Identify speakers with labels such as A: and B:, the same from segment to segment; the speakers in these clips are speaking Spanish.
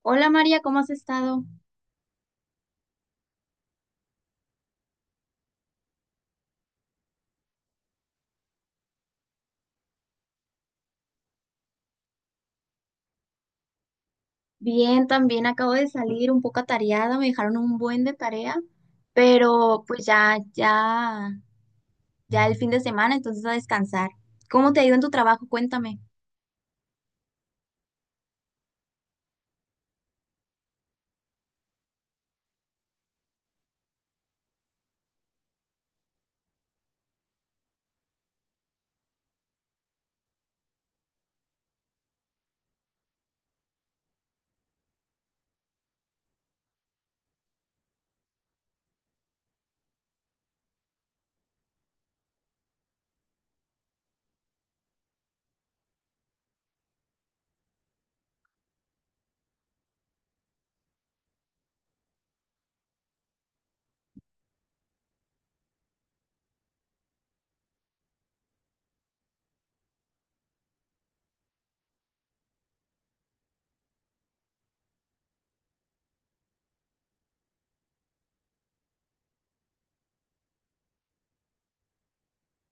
A: Hola María, ¿cómo has estado? Bien, también acabo de salir un poco atareada, me dejaron un buen de tarea, pero pues ya el fin de semana, entonces a descansar. ¿Cómo te ha ido en tu trabajo? Cuéntame.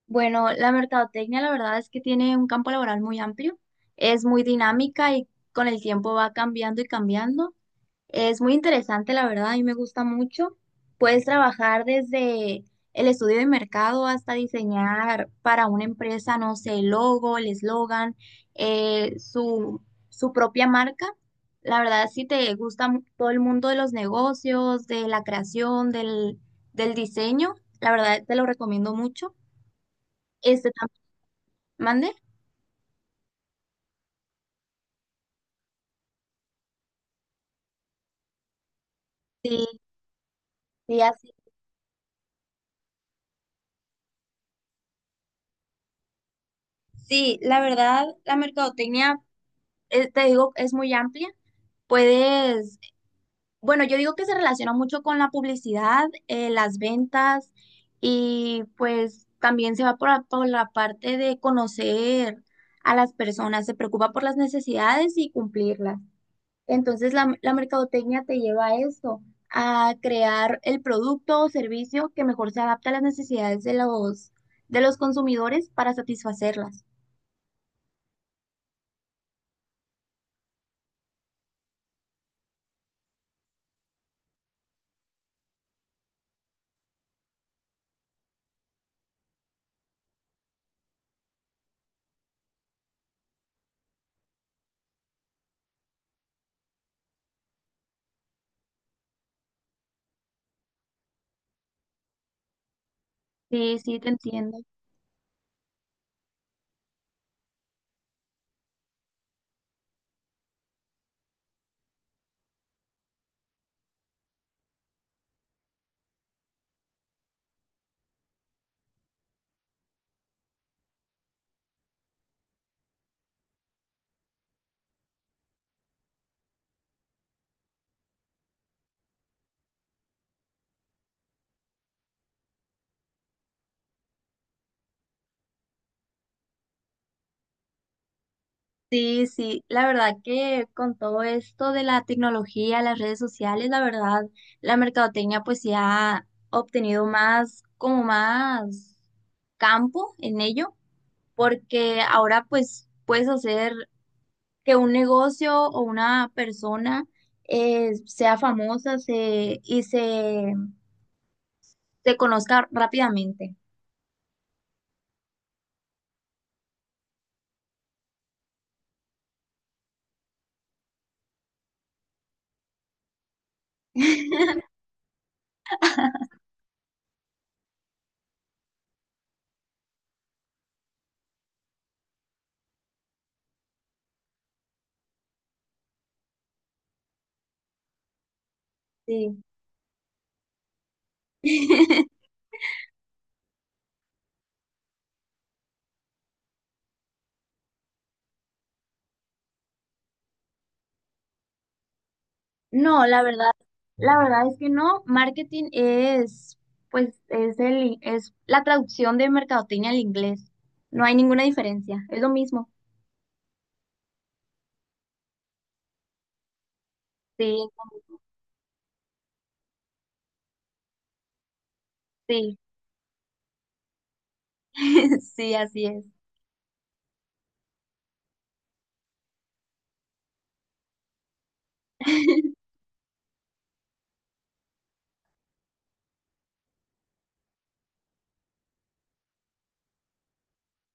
A: Bueno, la mercadotecnia la verdad es que tiene un campo laboral muy amplio, es muy dinámica y con el tiempo va cambiando y cambiando. Es muy interesante, la verdad, a mí me gusta mucho. Puedes trabajar desde el estudio de mercado hasta diseñar para una empresa, no sé, el logo, el eslogan, eh, su, su propia marca. La verdad, si te gusta todo el mundo de los negocios, de la creación, del diseño, la verdad te lo recomiendo mucho. Este también, mande. Sí, sí, así. Sí, la verdad, la mercadotecnia, te digo, es muy amplia. Puedes. Bueno, yo digo que se relaciona mucho con la publicidad, las ventas y pues también se va por, por la parte de conocer a las personas, se preocupa por las necesidades y cumplirlas. Entonces la mercadotecnia te lleva a eso, a crear el producto o servicio que mejor se adapte a las necesidades de de los consumidores para satisfacerlas. Sí, sí, te entiendo. Sí, sí, la verdad que con todo esto de la tecnología, las redes sociales, la verdad, la mercadotecnia pues ya ha obtenido más, como más campo en ello, porque ahora pues puedes hacer que un negocio o una persona sea famosa y se conozca rápidamente. Sí. No, la verdad es que no. Marketing es, pues, es es la traducción de mercadotecnia al inglés. No hay ninguna diferencia. Es lo mismo. Sí, sí, sí, así es.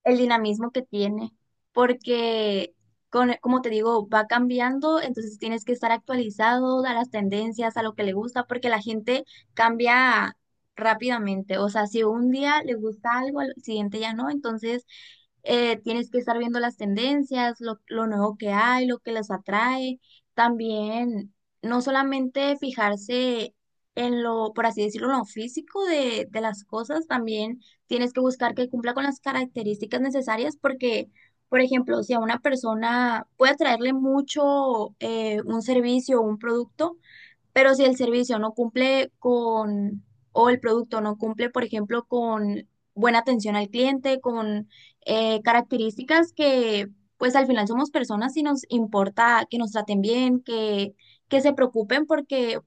A: El dinamismo que tiene, porque, como te digo, va cambiando, entonces tienes que estar actualizado a las tendencias, a lo que le gusta, porque la gente cambia rápidamente, o sea, si un día le gusta algo, al siguiente ya no, entonces tienes que estar viendo las tendencias, lo nuevo que hay, lo que les atrae. También, no solamente fijarse en lo, por así decirlo, en lo físico de las cosas, también tienes que buscar que cumpla con las características necesarias porque, por ejemplo, si a una persona puede atraerle mucho un servicio o un producto, pero si el servicio no cumple con, o el producto no cumple, por ejemplo, con buena atención al cliente, con características que, pues al final somos personas y nos importa que nos traten bien, que se preocupen porque,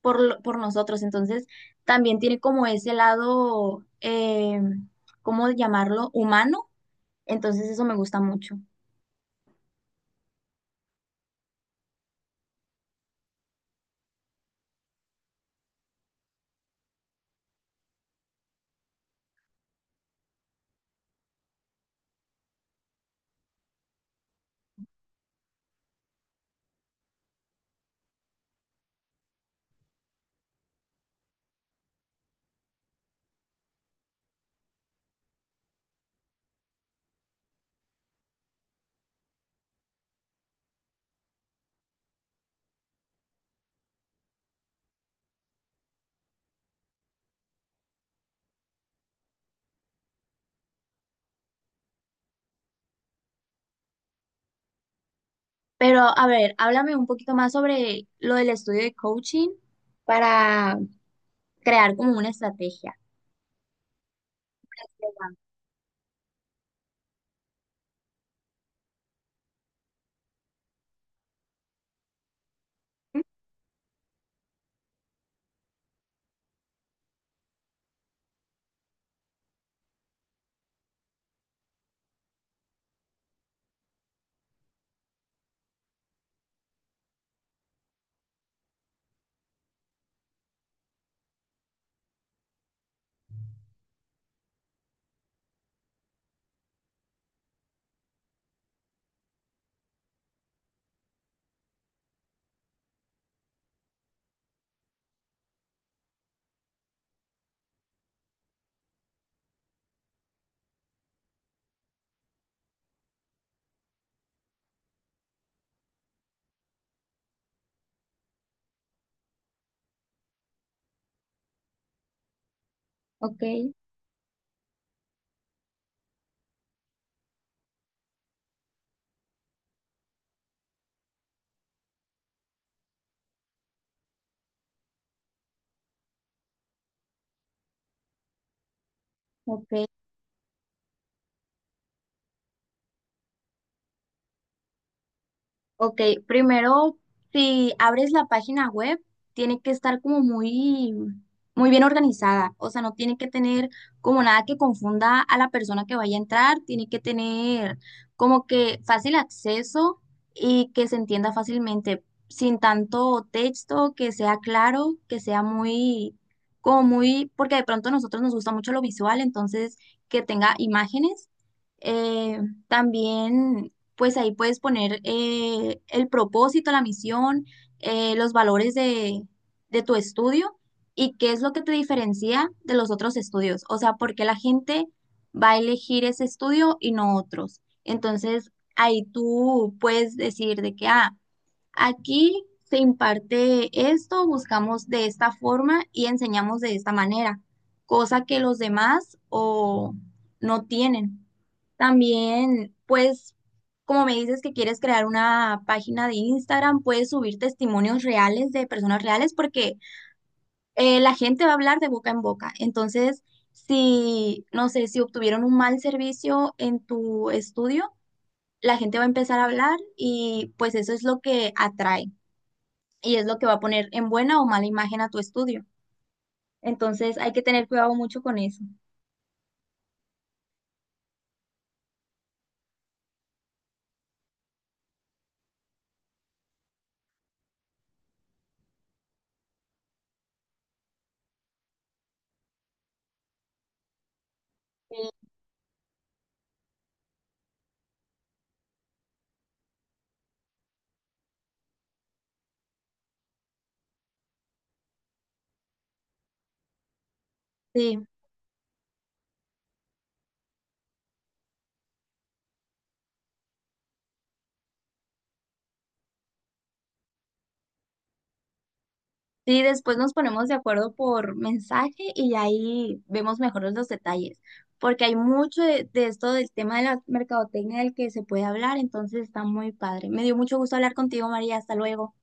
A: por, por nosotros. Entonces, también tiene como ese lado, ¿cómo llamarlo? Humano. Entonces, eso me gusta mucho. Pero, a ver, háblame un poquito más sobre lo del estudio de coaching para crear como una estrategia. Ok, ok. Ok, primero, si abres la página web, tiene que estar como muy, muy bien organizada. O sea, no tiene que tener como nada que confunda a la persona que vaya a entrar. Tiene que tener como que fácil acceso y que se entienda fácilmente, sin tanto texto, que sea claro, que sea muy, como muy, porque de pronto a nosotros nos gusta mucho lo visual, entonces que tenga imágenes. Eh, también pues ahí puedes poner el propósito, la misión, los valores de tu estudio y qué es lo que te diferencia de los otros estudios. O sea, por qué la gente va a elegir ese estudio y no otros. Entonces, ahí tú puedes decir de que, ah, aquí se imparte esto, buscamos de esta forma y enseñamos de esta manera, cosa que los demás o no tienen. También, pues, como me dices que quieres crear una página de Instagram, puedes subir testimonios reales de personas reales porque la gente va a hablar de boca en boca. Entonces, si, no sé, si obtuvieron un mal servicio en tu estudio, la gente va a empezar a hablar y pues eso es lo que atrae y es lo que va a poner en buena o mala imagen a tu estudio. Entonces hay que tener cuidado mucho con eso. Sí. Sí, sí, después nos ponemos de acuerdo por mensaje y ahí vemos mejor los detalles, porque hay mucho de esto del tema de la mercadotecnia del que se puede hablar, entonces está muy padre. Me dio mucho gusto hablar contigo, María, hasta luego.